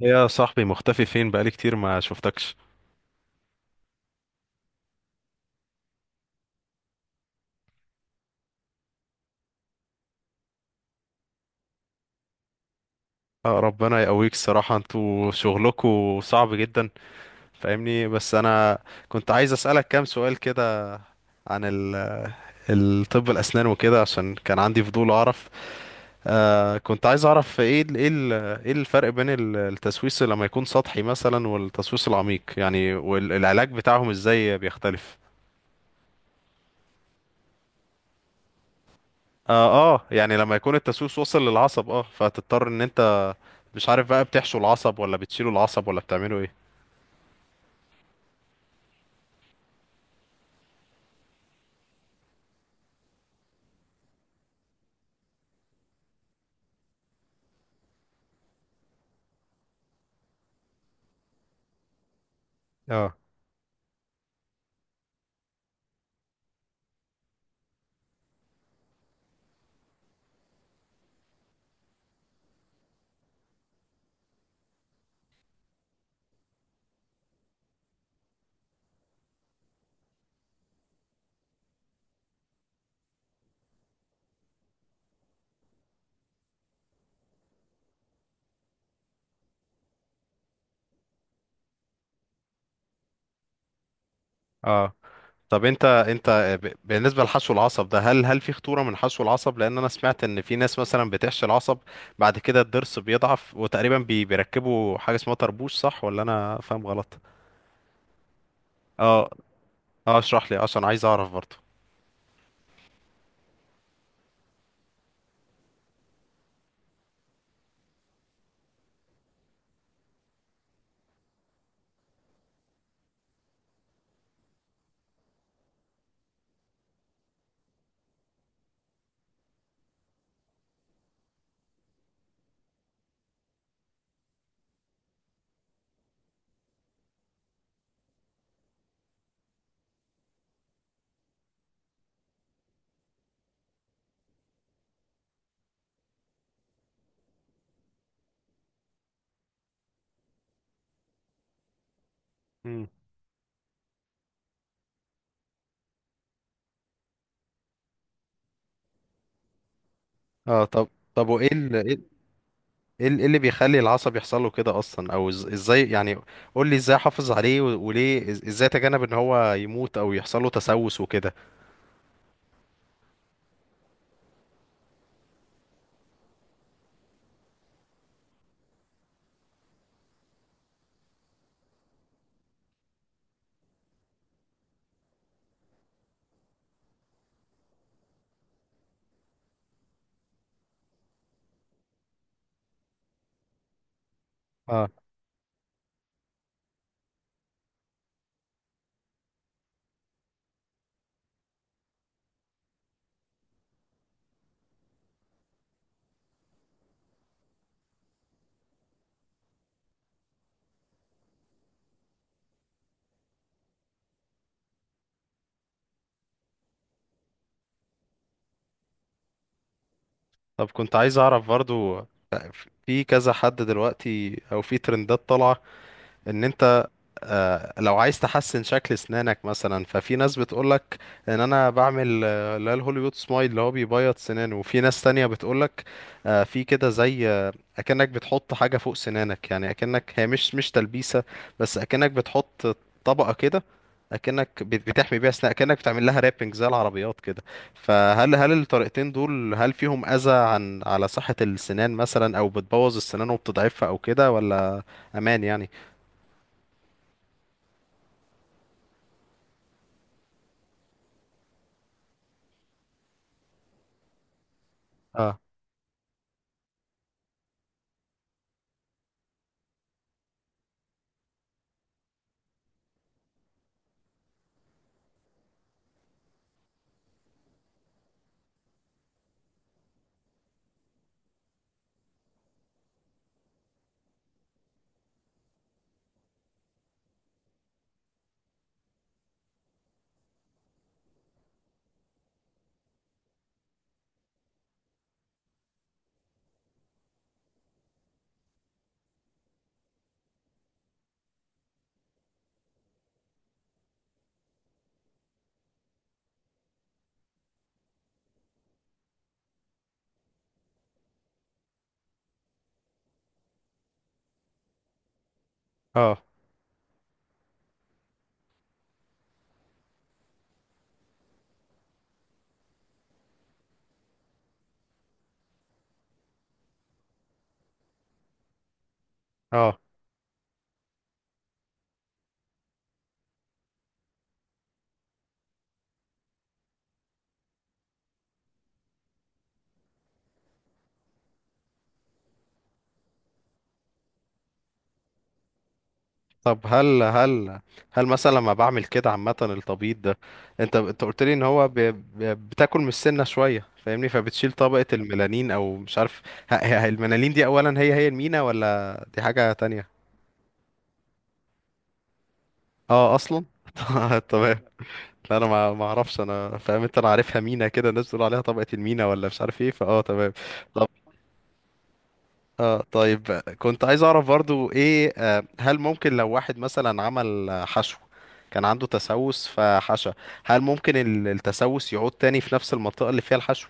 يا صاحبي مختفي فين؟ بقالي كتير ما شفتكش. آه، ربنا يقويك. الصراحة انتوا شغلكوا صعب جدا. فاهمني. بس انا كنت عايز اسألك كام سؤال كده عن الطب الاسنان وكده عشان كان عندي فضول اعرف. كنت عايز اعرف ايه الفرق بين التسويس لما يكون سطحي مثلا والتسويس العميق يعني، والعلاج بتاعهم ازاي بيختلف؟ اه، اه، يعني لما يكون التسويس وصل للعصب فتضطر ان انت مش عارف بقى، بتحشو العصب ولا بتشيلوا العصب ولا بتعملوا ايه؟ اه. اه طب، انت بالنسبه لحشو العصب ده، هل في خطوره من حشو العصب؟ لان انا سمعت ان في ناس مثلا بتحشي العصب بعد كده الضرس بيضعف، وتقريبا بيركبوا حاجه اسمها طربوش، صح ولا انا فاهم غلط؟ اه. اه اشرح لي عشان عايز اعرف برضه. مم. اه، طب. وايه ال- ايه ال- ايه ال- إيه اللي بيخلي العصب يحصل له كده اصلا او ازاي يعني؟ قول لي ازاي احافظ عليه، وليه، ازاي اتجنب ان هو يموت او يحصل له تسوس وكده؟ اه، طب كنت عايز اعرف برضو. في كذا حد دلوقتي او في ترندات طالعه ان انت، لو عايز تحسن شكل اسنانك مثلا، ففي ناس بتقولك ان انا بعمل، اللي هي الهوليوود سمايل اللي هو بيبيض سنانه. وفي ناس تانية بتقولك، آه، في كده زي آه، اكنك بتحط حاجة فوق سنانك، يعني اكنك هي مش تلبيسة، بس اكنك بتحط طبقة كده، اكنك بتحمي بيها اسنانك، اكنك بتعمل لها رابنج زي العربيات كده. فهل الطريقتين دول هل فيهم اذى عن على صحة السنان مثلا، او بتبوظ السنان وبتضعفها او كده، ولا امان يعني؟ اه. اه اه طب هل هل مثلا لما بعمل كده عامة التبييض ده، انت قلت لي ان هو بتاكل من السنة شوية فاهمني، فبتشيل طبقة الميلانين او مش عارف. الميلانين دي اولا، هي المينا ولا دي حاجة تانية؟ اه، اصلا تمام. لا، انا ما اعرفش. انا فاهم انت. انا عارفها مينا كده، الناس بتقول عليها طبقة المينا ولا مش عارف ايه. فاه، تمام. اه، طيب. كنت عايز اعرف برضو ايه. هل ممكن لو واحد مثلا عمل حشو كان عنده تسوس فحشى، هل ممكن التسوس يعود تاني في نفس المنطقة اللي فيها الحشو؟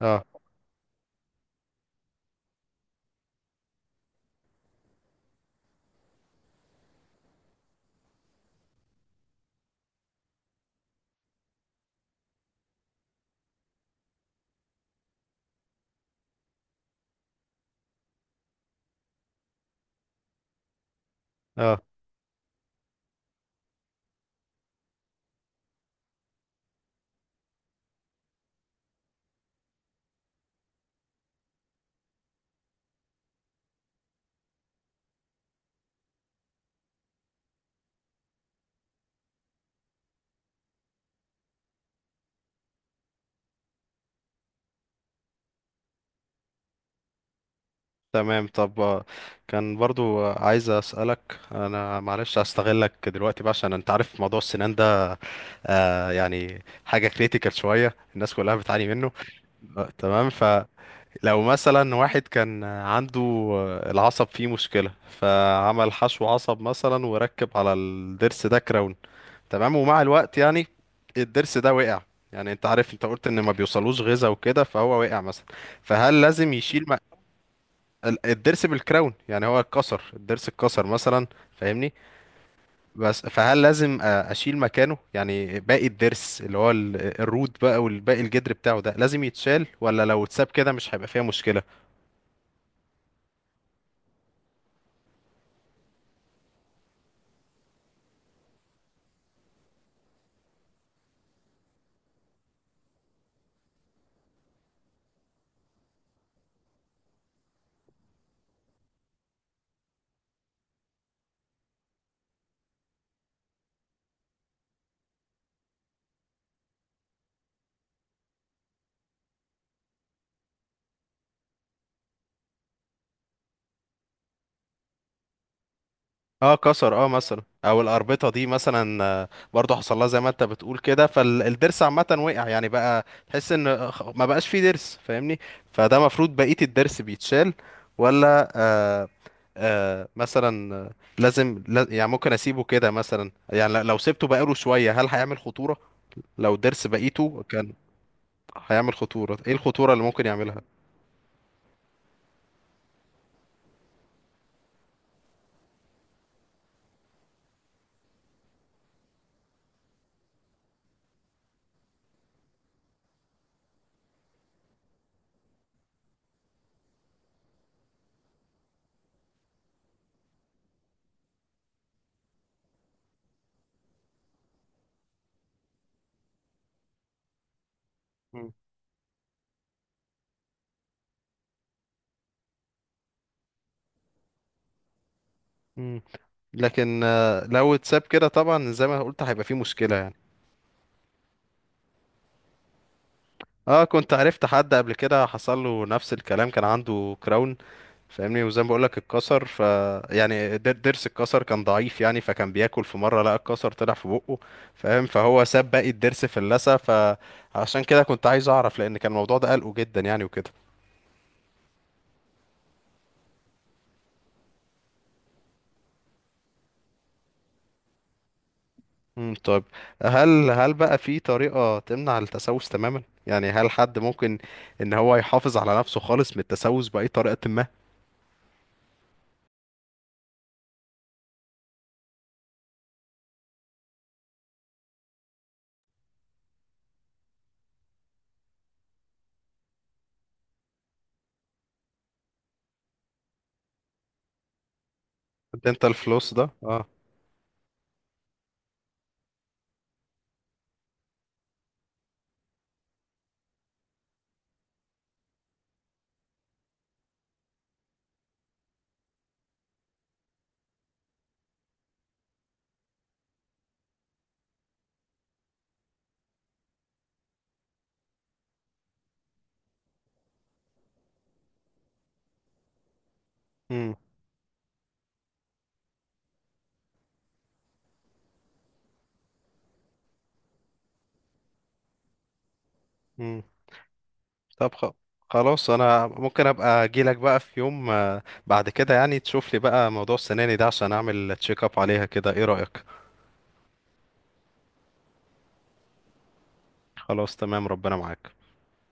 اه. اه، تمام. طب كان برضو عايز اسألك. انا معلش هستغلك دلوقتي بقى عشان انت عارف موضوع السنان ده، يعني حاجة كريتيكال شوية الناس كلها بتعاني منه. آه، تمام. لو مثلا واحد كان عنده العصب فيه مشكلة، فعمل حشو عصب مثلا وركب على الضرس ده كراون، تمام. ومع الوقت يعني الضرس ده وقع. يعني انت عارف، انت قلت ان ما بيوصلوش غذاء وكده، فهو وقع مثلا. فهل لازم يشيل الضرس بالكراون، يعني هو اتكسر، الضرس اتكسر مثلا فاهمني. بس فهل لازم اشيل مكانه؟ يعني باقي الضرس اللي هو الروت بقى والباقي، الجدر بتاعه ده، لازم يتشال ولا لو اتساب كده مش هيبقى فيها مشكلة؟ اه، كسر، اه مثلا. او الاربطه دي مثلا، برضو حصل لها زي ما انت بتقول كده. فالضرس عامه وقع، يعني بقى تحس ان ما بقاش فيه ضرس فاهمني. فده المفروض بقيه الضرس بيتشال، ولا؟ مثلا لازم يعني ممكن اسيبه كده مثلا، يعني لو سبته بقاله شويه هل هيعمل خطوره؟ لو الضرس بقيته كان هيعمل خطوره، ايه الخطوره اللي ممكن يعملها؟ مم. مم. لكن لو اتساب كده طبعا زي ما قلت هيبقى فيه مشكله يعني. اه، كنت عرفت حد قبل كده حصل له نفس الكلام. كان عنده كراون فاهمني، وزي ما بقولك اتكسر. يعني ضرس اتكسر كان ضعيف يعني، فكان بياكل في مره لقى الكسر طلع في بقه فاهم. فهو ساب باقي الضرس في اللثه. فعشان كده كنت عايز اعرف لان كان الموضوع ده قلقه جدا يعني وكده. طيب، هل بقى في طريقه تمنع التسوس تماما يعني؟ هل حد ممكن ان هو يحافظ على نفسه خالص من التسوس باي طريقه ما؟ انت الفلوس ده؟ اه. امم طب، خلاص. انا ممكن ابقى اجيلك بقى في يوم بعد كده يعني، تشوف لي بقى موضوع السناني ده عشان اعمل تشيك اب عليها كده. ايه رأيك؟ خلاص، تمام، ربنا معاك.